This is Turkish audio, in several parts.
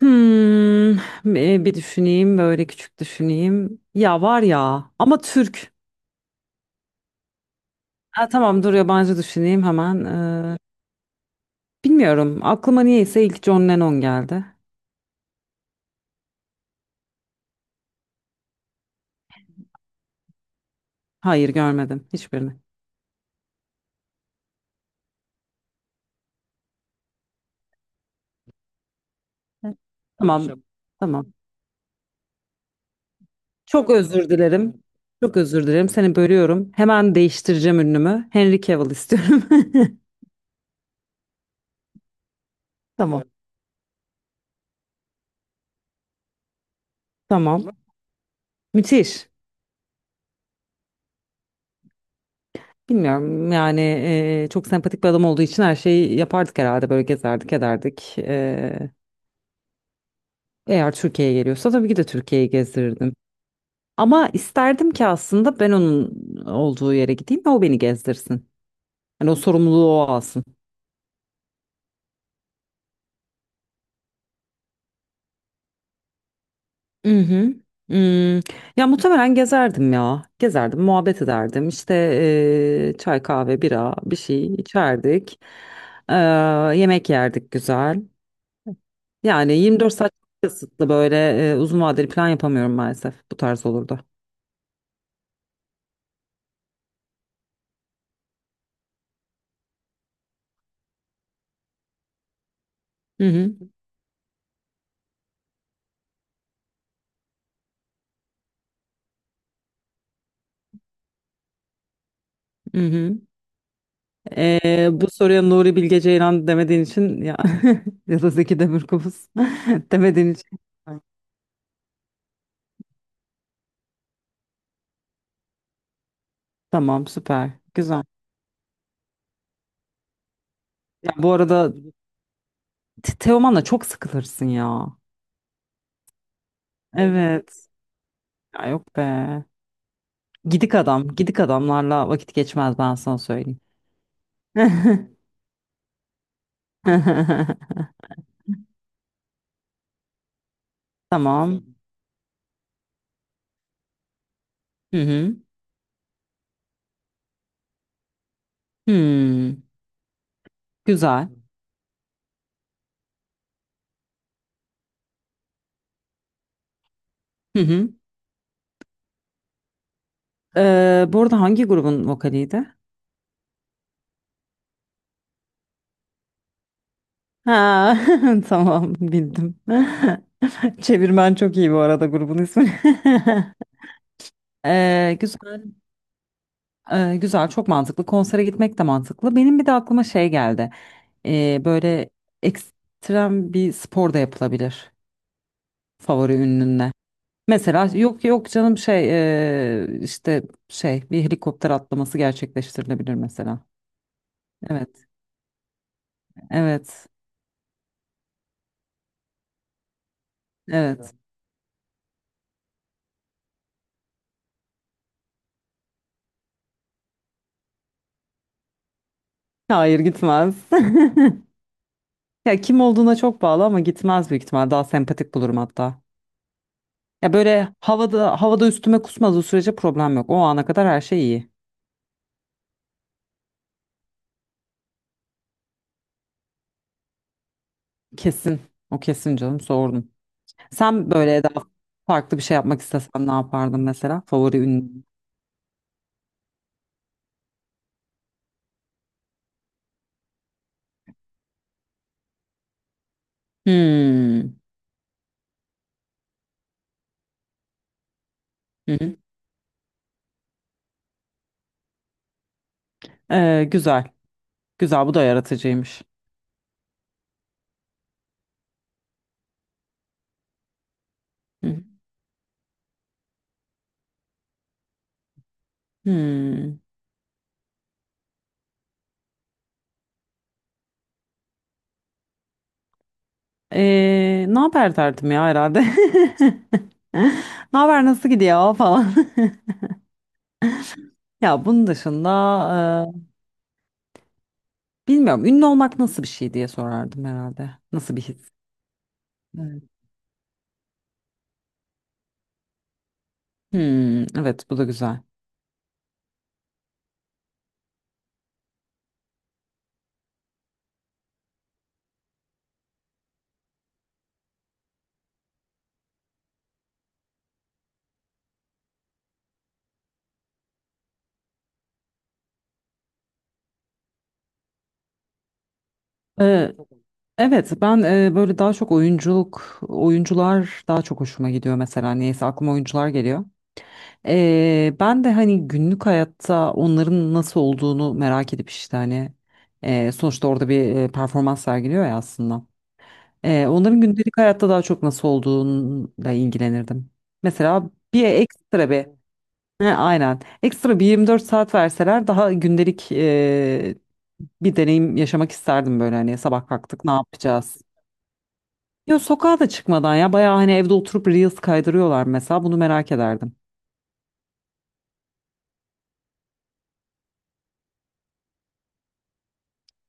Hmm. Bir düşüneyim, böyle küçük düşüneyim. Ya var ya ama Türk. Ha, tamam dur, yabancı düşüneyim hemen. Bilmiyorum, aklıma niyeyse ilk John Lennon geldi. Hayır, görmedim hiçbirini. Tamam, tamam. Çok özür dilerim. Çok özür dilerim, seni bölüyorum. Hemen değiştireceğim ünlümü. Henry Cavill istiyorum. Tamam, tamam. Müthiş. Bilmiyorum yani, çok sempatik bir adam olduğu için her şeyi yapardık herhalde, böyle gezerdik ederdik. Eğer Türkiye'ye geliyorsa tabii ki de Türkiye'yi gezdirirdim. Ama isterdim ki aslında ben onun olduğu yere gideyim ve o beni gezdirsin. Hani o sorumluluğu o alsın. Hı hı. Hmm. Ya muhtemelen gezerdim ya. Gezerdim, muhabbet ederdim. İşte çay, kahve, bira, bir şey içerdik. Eee, Yemek yerdik, güzel. Yani 24 saat çok kısıtlı, böyle uzun vadeli plan yapamıyorum maalesef, bu tarz olurdu. Hı hı, hı hı. Bu soruya Nuri Bilge Ceylan demediğin için ya, ya da Zeki Demirkubuz demediğin için, tamam, süper güzel. Ya, bu arada Teoman'la çok sıkılırsın ya. Evet. Ya yok be. Gidik adam, gidik adamlarla vakit geçmez, ben sana söyleyeyim. Tamam. Hı hı. Hmm. Güzel. Hı hı. Bu arada hangi grubun vokaliydi? Ha, tamam bildim. Çevirmen çok iyi bu arada, grubun ismi. Güzel. Güzel, çok mantıklı. Konsere gitmek de mantıklı. Benim bir de aklıma şey geldi. Böyle ekstrem bir spor da yapılabilir favori ünlünle. Mesela yok yok canım, şey işte şey, bir helikopter atlaması gerçekleştirilebilir mesela. Evet, evet, evet. Hayır, gitmez. Ya, kim olduğuna çok bağlı ama gitmez büyük ihtimal. Daha sempatik bulurum hatta. Ya, böyle havada havada üstüme kusmadığı sürece problem yok. O ana kadar her şey iyi. Kesin. O kesin canım, sordum. Sen böyle daha farklı bir şey yapmak istesen ne yapardın mesela? Favori ünlü. Hmm. Hı hı. Güzel. Güzel, bu da yaratıcıymış. Hı hı. Hmm. Ne haber derdim ya herhalde. Ne haber, nasıl gidiyor falan. Ya bunun dışında bilmiyorum, ünlü olmak nasıl bir şey diye sorardım herhalde. Nasıl bir his? Evet. Hmm, evet, bu da güzel. Ee, evet, ben böyle daha çok oyunculuk, oyuncular daha çok hoşuma gidiyor mesela. Neyse, aklıma oyuncular geliyor. Ben de hani günlük hayatta onların nasıl olduğunu merak edip işte hani sonuçta orada bir performans sergiliyor ya aslında. Onların gündelik hayatta daha çok nasıl olduğuyla ilgilenirdim. Mesela bir ekstra bir. He, aynen, ekstra bir 24 saat verseler daha gündelik bir deneyim yaşamak isterdim, böyle hani sabah kalktık ne yapacağız? Yok, sokağa da çıkmadan ya, bayağı hani evde oturup reels kaydırıyorlar mesela, bunu merak ederdim.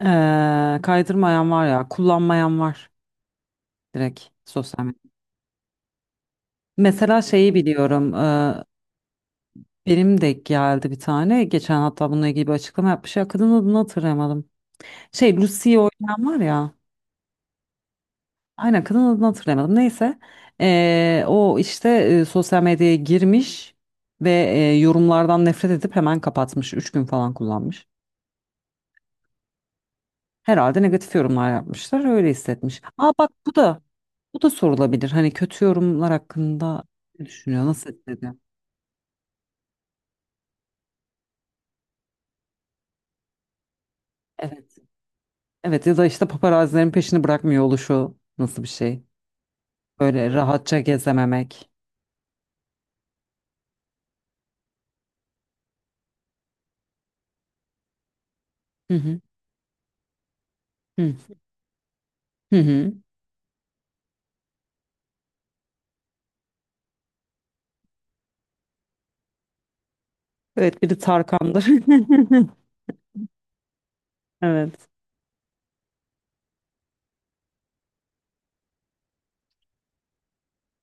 Kaydırmayan var ya, kullanmayan var, direkt sosyal medya. Mesela şeyi biliyorum, benim de geldi bir tane, geçen hatta bununla ilgili bir açıklama yapmış ya, kadın adını hatırlayamadım. Şey, Lucy'yi oynayan var ya, aynen, kadın adını hatırlayamadım, neyse. O işte sosyal medyaya girmiş ve yorumlardan nefret edip hemen kapatmış, 3 gün falan kullanmış. Herhalde negatif yorumlar yapmışlar, öyle hissetmiş. Aa, bak bu da. Bu da sorulabilir. Hani kötü yorumlar hakkında ne düşünüyor? Nasıl etkiledi? Evet. Evet, ya da işte paparazilerin peşini bırakmıyor oluşu nasıl bir şey? Böyle rahatça gezememek. Hı hı. Hı hı. Hı. Evet, biri Tarkan'dır. Evet.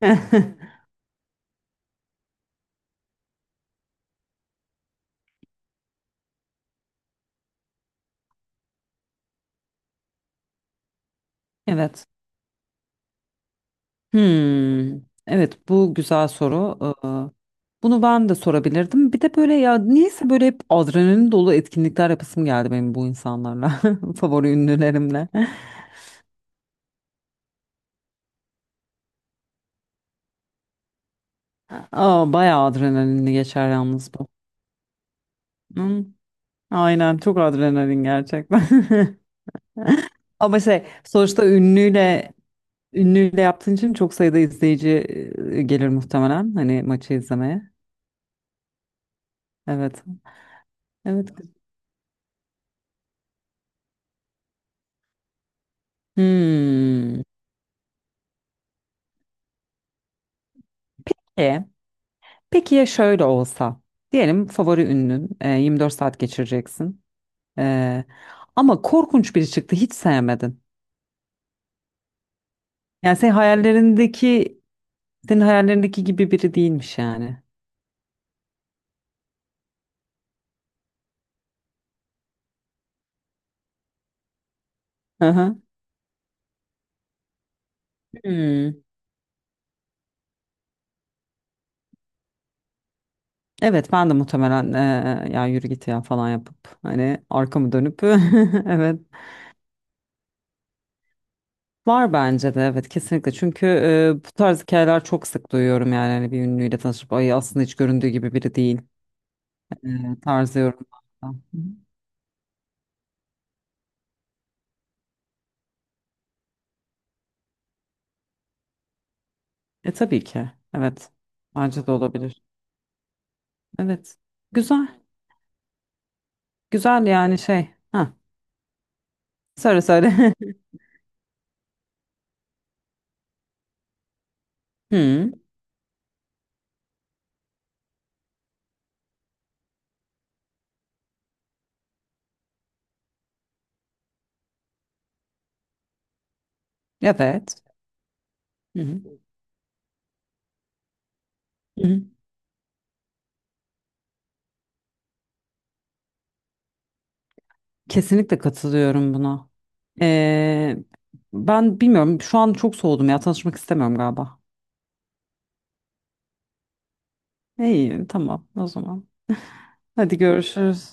Evet. Hmm. Evet, bu güzel soru. Ee, Bunu ben de sorabilirdim. Bir de böyle ya niyeyse böyle hep adrenalin dolu etkinlikler yapasım geldi benim, bu insanlarla. Favori ünlülerimle. Aa, bayağı adrenalinli geçer yalnız bu. Hı, aynen, çok adrenalin gerçekten. Ama şey, sonuçta ünlüyle yaptığın için çok sayıda izleyici gelir muhtemelen, hani maçı izlemeye. Evet. Evet. Hmm. E, peki ya şöyle olsa diyelim, favori ünlün 24 saat geçireceksin. E, Ama korkunç biri çıktı, hiç sevmedin. Yani, senin hayallerindeki gibi biri değilmiş yani. Hı hı. Hmm. Evet, ben de muhtemelen ya yürü git ya falan yapıp hani arkamı dönüp, evet, var bence de, evet kesinlikle, çünkü bu tarz hikayeler çok sık duyuyorum yani, hani bir ünlüyle tanışıp ay aslında hiç göründüğü gibi biri değil tarzı yorumlarda. Hı hı. Tabii ki evet, bence de olabilir, evet, güzel güzel yani şey, ha söyle söyle. Hı, evet. Hı hı. Hı hı. Kesinlikle katılıyorum buna. Ee, Ben bilmiyorum. Şu an çok soğudum ya. Tanışmak istemiyorum galiba. İyi, tamam o zaman. Hadi görüşürüz.